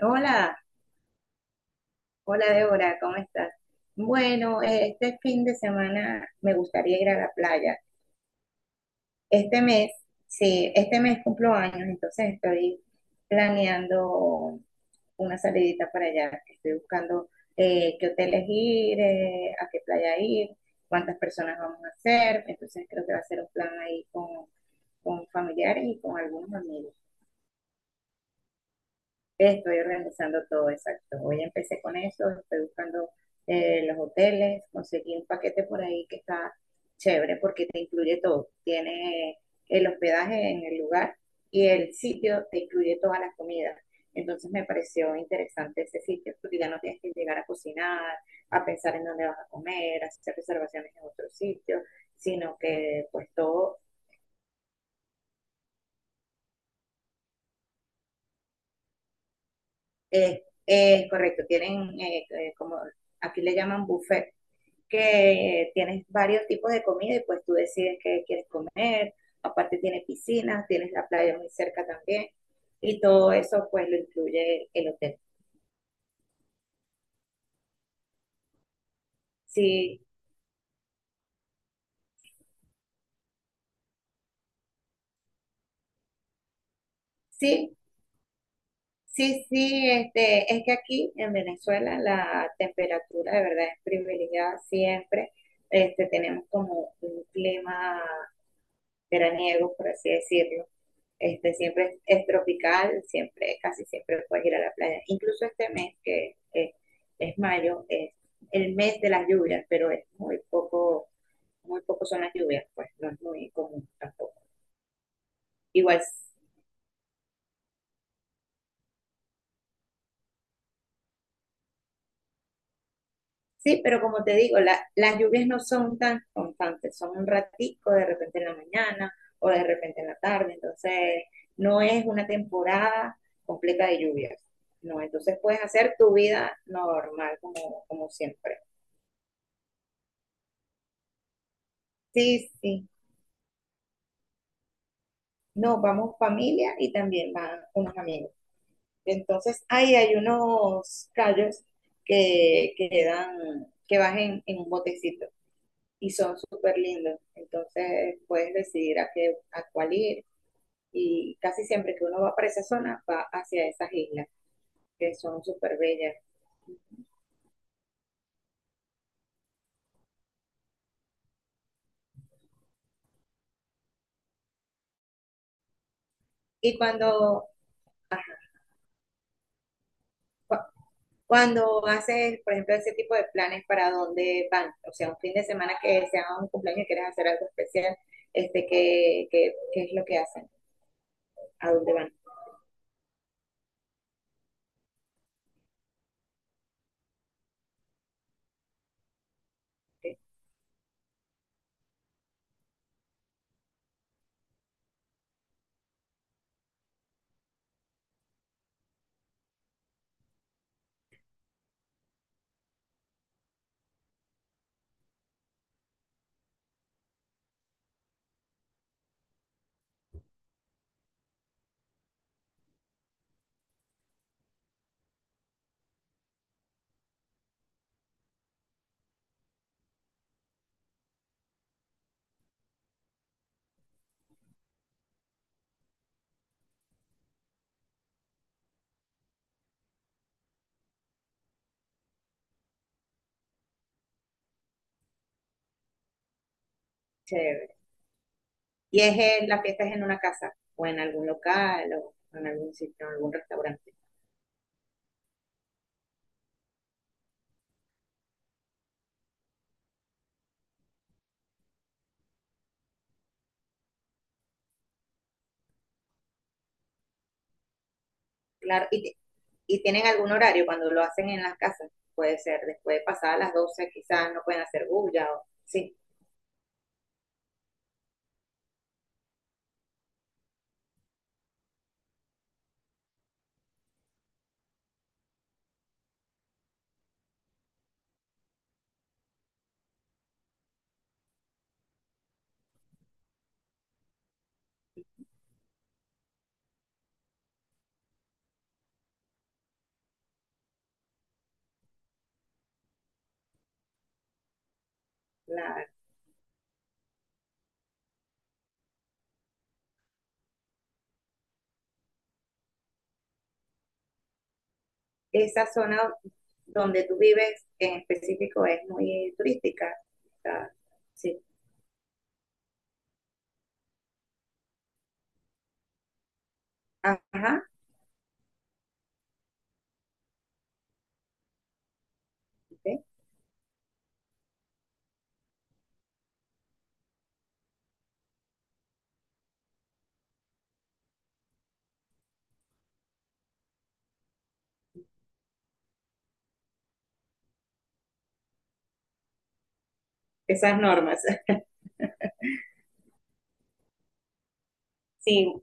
Hola, hola Débora, ¿cómo estás? Bueno, este fin de semana me gustaría ir a la playa. Este mes, sí, este mes cumplo años, entonces estoy planeando una salidita para allá. Estoy buscando qué hoteles ir, a qué playa ir, cuántas personas vamos a ser. Entonces creo que va a ser un plan ahí con familiares y con algunos amigos. Estoy organizando todo, exacto. Hoy empecé con eso, estoy buscando los hoteles, conseguí un paquete por ahí que está chévere porque te incluye todo. Tiene el hospedaje en el lugar y el sitio te incluye todas las comidas. Entonces me pareció interesante ese sitio porque ya no tienes que llegar a cocinar, a pensar en dónde vas a comer, a hacer reservaciones en otro sitio, sino que pues todo es, es correcto. Tienen como aquí le llaman buffet que tienes varios tipos de comida y pues tú decides qué quieres comer. Aparte tiene piscinas, tienes la playa muy cerca también y todo eso pues lo incluye el hotel. Sí, sí. Sí, sí, este, es que aquí en Venezuela la temperatura de verdad es privilegiada siempre. Este, tenemos como un clima veraniego, por así decirlo. Este, siempre es tropical, siempre, casi siempre puedes ir a la playa. Incluso este mes, que es mayo, es el mes de las lluvias, pero es muy poco son las lluvias, pues no es muy común tampoco. Igual sí, pero como te digo, las lluvias no son tan constantes, son un ratico, de repente en la mañana o de repente en la tarde, entonces no es una temporada completa de lluvias, no, entonces puedes hacer tu vida normal como, como siempre. Sí, sí, no, vamos familia y también van unos amigos. Entonces ahí hay unos callos que quedan, que bajen en un botecito. Y son súper lindos. Entonces puedes decidir a, qué, a cuál ir y casi siempre que uno va para esa zona va hacia esas islas que son súper bellas. Y cuando, cu- Cuando haces, por ejemplo, ese tipo de planes, ¿para dónde van? O sea, un fin de semana que sea un cumpleaños y quieres hacer algo especial, este, ¿qué es lo que hacen? ¿A dónde van? Qué Chévere. ¿Y es en, la fiesta es en una casa o en algún local o en algún sitio, en algún restaurante? Claro, y tienen algún horario cuando lo hacen en las casas. Puede ser después de pasadas las 12 quizás no pueden hacer bulla o sí. La, Esa zona donde tú vives en específico es muy turística. Ah, sí. Ajá, okay. Esas normas. Sí,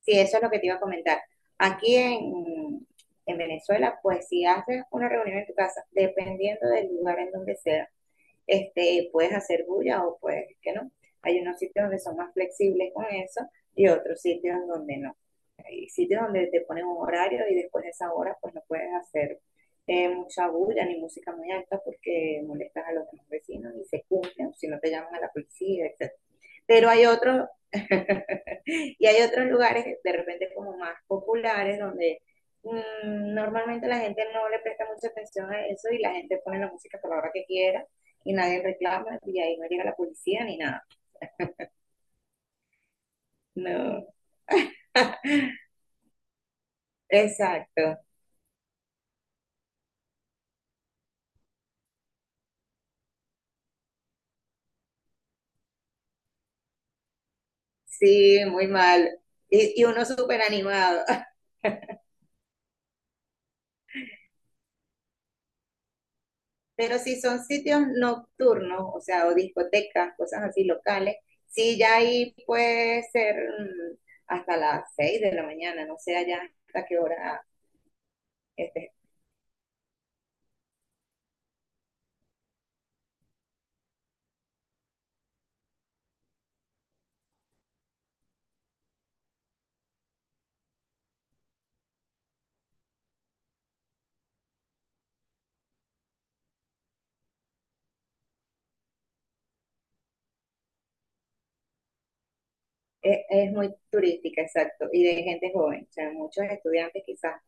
sí, eso es lo que te iba a comentar. Aquí en Venezuela, pues si haces una reunión en tu casa, dependiendo del lugar en donde sea, este, puedes hacer bulla o puedes que no. Hay unos sitios donde son más flexibles con eso y otros sitios donde no. Hay sitios donde te ponen un horario y después de esa hora pues no puedes hacer mucha bulla ni música muy alta porque molestas a los demás vecinos y se cumplen si no te llaman a la policía, etcétera. Pero hay otros. Y hay otros lugares de repente como más populares donde mm, normalmente la gente no le presta mucha atención a eso y la gente pone la música por la hora que quiera y nadie reclama y ahí no llega la policía ni nada. No. Exacto. Sí, muy mal. Y uno súper animado. Pero si son sitios nocturnos, o sea, o discotecas, cosas así locales, sí, ya ahí puede ser mm, hasta las 6 de la mañana, no sé allá hasta qué hora, este. Es muy turística, exacto, y de gente joven, o sea, muchos estudiantes quizás.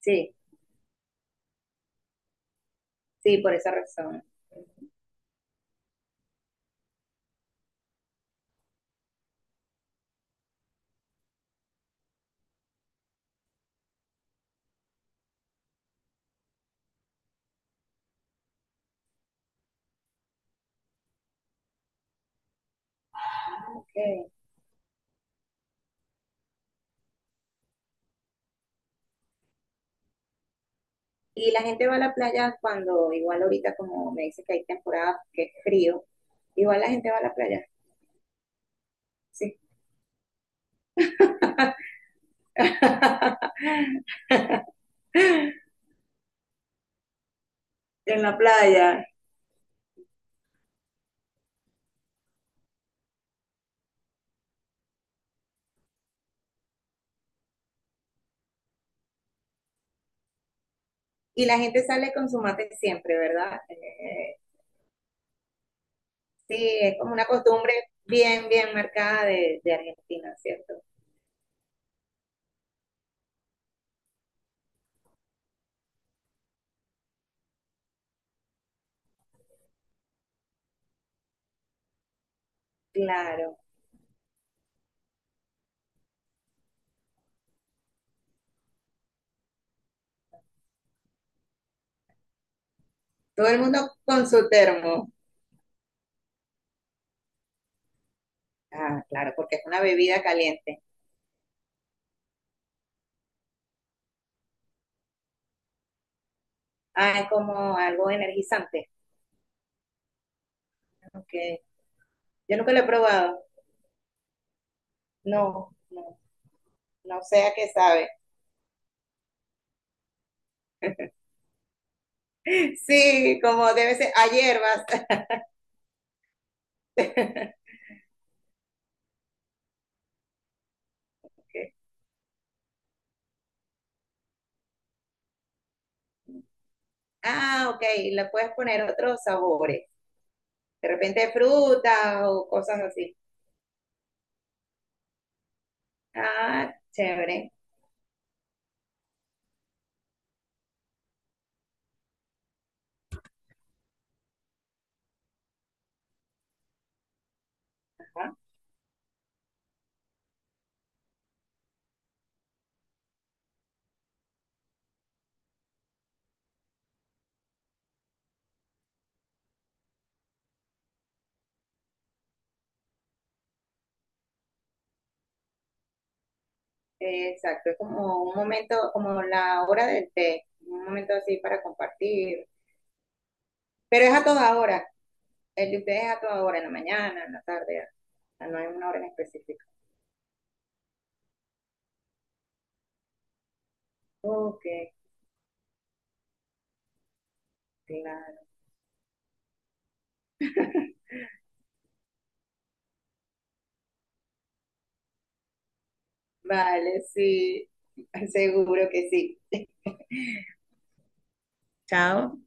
Sí, sí, por esa razón. Ujú. Ok. Y la gente va a la playa cuando, igual ahorita como me dice que hay temporada que es frío, igual la gente va a la playa, sí. En la playa. Y la gente sale con su mate siempre, ¿verdad? Sí, es como una costumbre bien, bien marcada de Argentina, ¿cierto? Claro. Todo el mundo con su termo. Ah, claro, porque es una bebida caliente. Ah, es como algo energizante. Okay. Yo nunca lo he probado. No, no, no sé a qué sabe. Sí, como debe ser a hierbas. Ok. Ah, ok, le puedes poner otros sabores. De repente fruta o cosas así. Ah, chévere. Ajá. Exacto, es como un momento, como la hora del té, un momento así para compartir. Pero es a toda hora. El de ustedes a toda hora, en la mañana, en la tarde, no hay una hora en específica. Ok, claro. Vale, sí, seguro que sí. Chao.